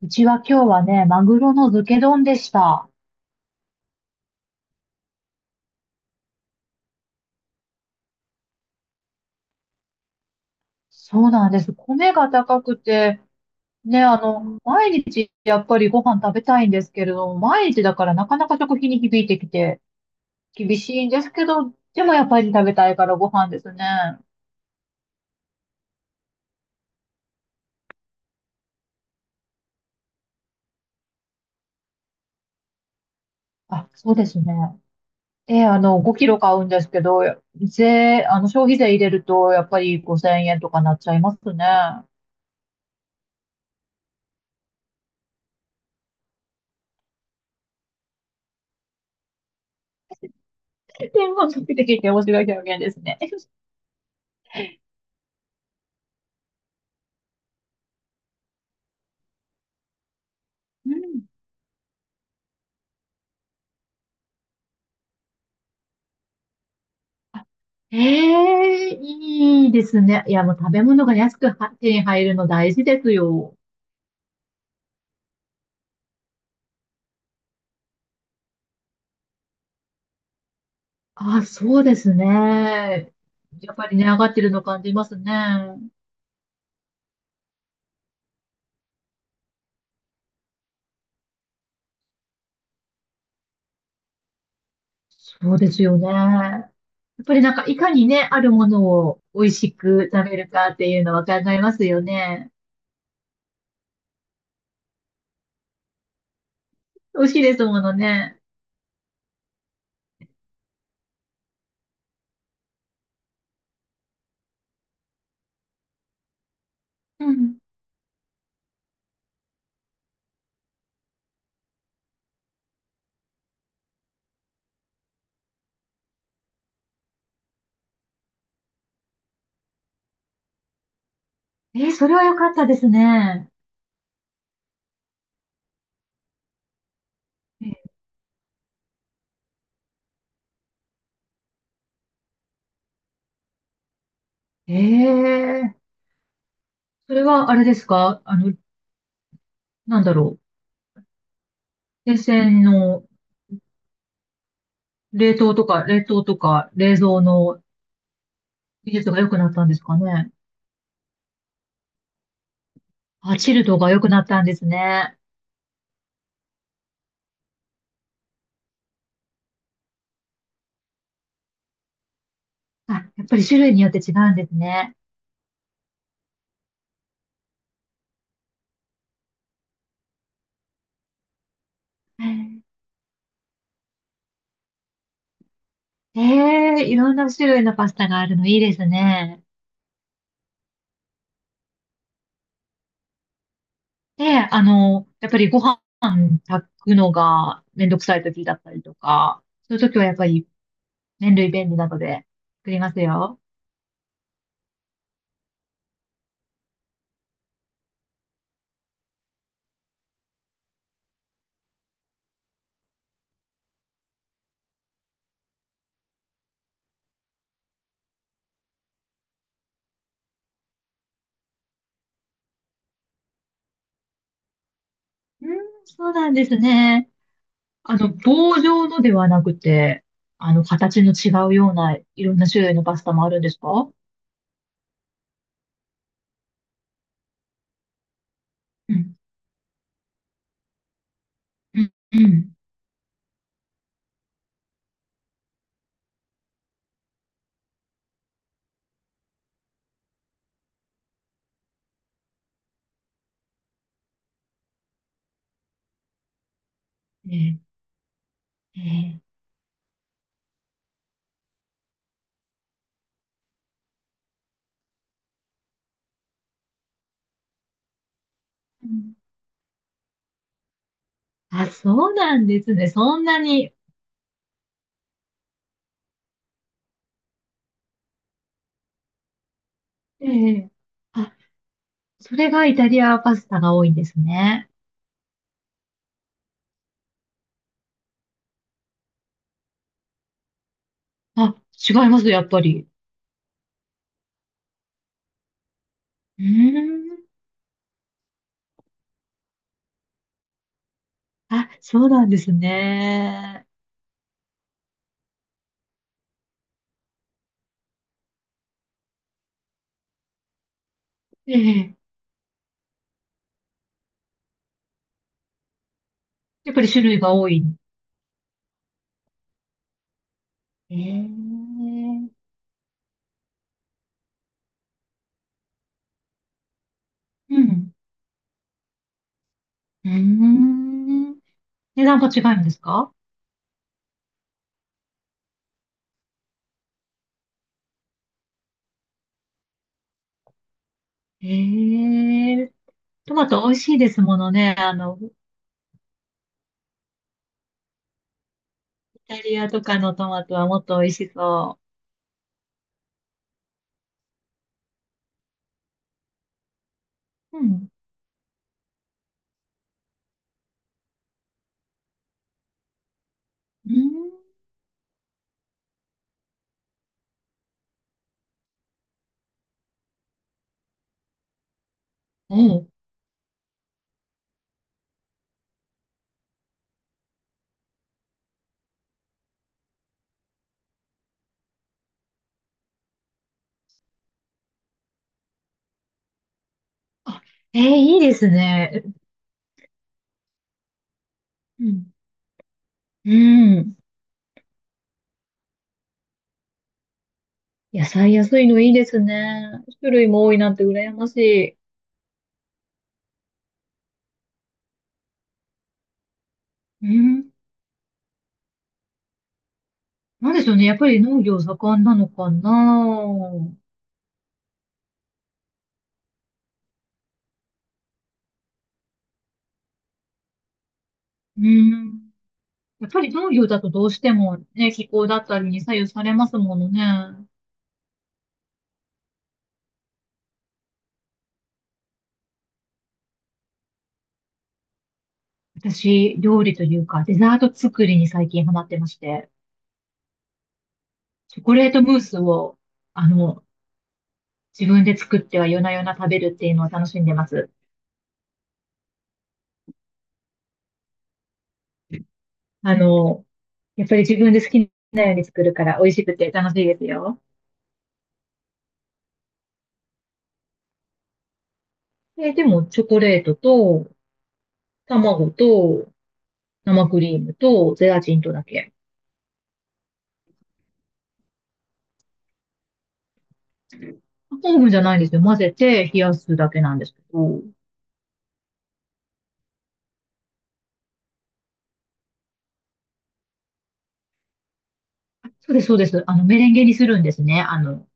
うちは今日はね、マグロの漬け丼でした。そうなんです。米が高くて、毎日やっぱりご飯食べたいんですけれども、毎日だからなかなか食費に響いてきて、厳しいんですけど、でもやっぱり食べたいからご飯ですね。あ、そうですね。え、あの、5キロ買うんですけど、税、あの、消費税入れると、やっぱり5000円とかなっちゃいますね。天文学的って面白い表現ですね。うん、ええ、いいですね。いや、もう食べ物が安くは手に入るの大事ですよ。あ、そうですね。やっぱり値上がってるの感じますね。そうですよね。やっぱりなんか、いかにね、あるものを美味しく食べるかっていうのは考えますよね。美味しいですものね。うん。えー、それは良かったですね。ええー、それはあれですか、なんだろ沿線の冷凍とか、冷凍とか、冷蔵の技術が良くなったんですかね。あ、チルドが良くなったんですね。あ、やっぱり種類によって違うんですね。ええ、いろんな種類のパスタがあるのいいですね。で、あの、やっぱりご飯炊くのがめんどくさい時だったりとか、そういう時はやっぱり麺類便利なので作りますよ。うん、そうなんですね。あの、棒状のではなくて、あの、形の違うようないろんな種類のパスタもあるんですか？うん、うん、うん。ええ、ええ。うん。あ、そうなんですね。そんなに。ええ。あ、それがイタリアパスタが多いんですね。あ、違います、やっぱり。うーん。あ、そうなんですね。ええ。やっぱり種類が多い。ええ。うん。うーん。値段が違うんですか？ええ、トマト美味しいですものね。あの、イタリアとかのトマトはもっと美味しそう。うん。うん。おう。あ、ええ、いいですね。うん。うん。野菜安いのいいですね。種類も多いなんて羨ましい。うん。なんでしょうね。やっぱり農業盛んなのかな。うん。やっぱり農業だとどうしてもね、気候だったりに左右されますものね。私、料理というか、デザート作りに最近ハマってまして、チョコレートムースを、あの、自分で作っては夜な夜な食べるっていうのを楽しんでます。あの、やっぱり自分で好きなように作るから美味しくて楽しいですよ。え、でも、チョコレートと、卵と、生クリームと、ゼラチンとだけ。オーブンじゃないんですよ。混ぜて冷やすだけなんですけど。あ、そうです、そうです。あの、メレンゲにするんですね。あの、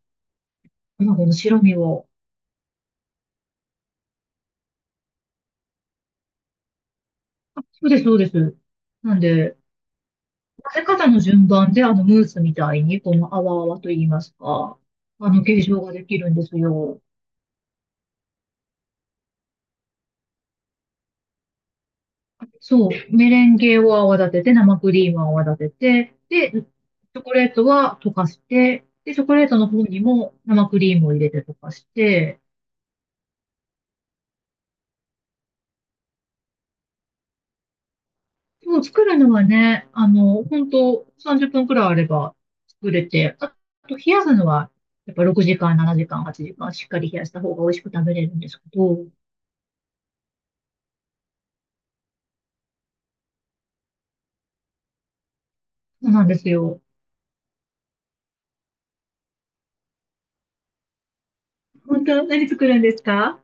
卵の白身を。あ、そうです、そうです。なんで、混ぜ方の順番で、あの、ムースみたいに、この泡泡と言いますか、あの、形状ができるんですよ。そう、メレンゲを泡立てて、生クリームを泡立てて、で、チョコレートは溶かして、で、チョコレートの方にも生クリームを入れて溶かして、そう、作るのはね、あの、本当30分くらいあれば作れて、あと冷やすのは、やっぱ6時間、7時間、8時間、しっかり冷やした方が美味しく食べれるんですけど、そうなんですよ。本当、何作るんですか？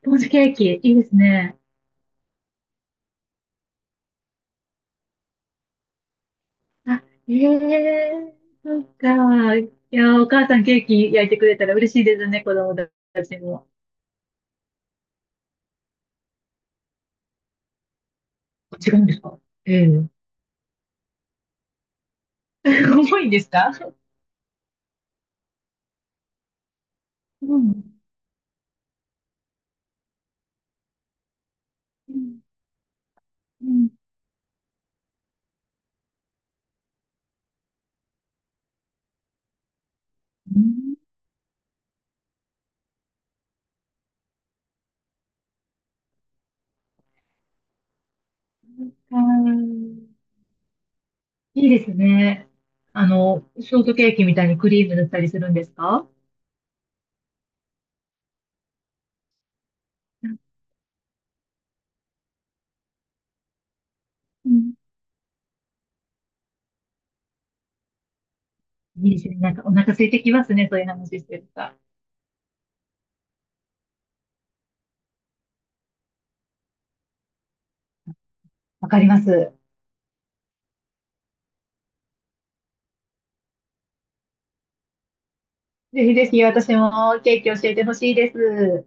スポンジケーキ。いいですね。あ、ええ、そっか。いや、お母さんケーキ焼いてくれたら嬉しいですね、子供たちも。違うんですか？ええ。 重いんですか？うん。うん。うん。うん。あー、いいですね。あの、ショートケーキみたいにクリーム塗ったりするんですか？うん。いいですね。なんかお腹空いてきますね、そういう話してると。わかります。ぜひぜひ私もケーキ教えてほしいです。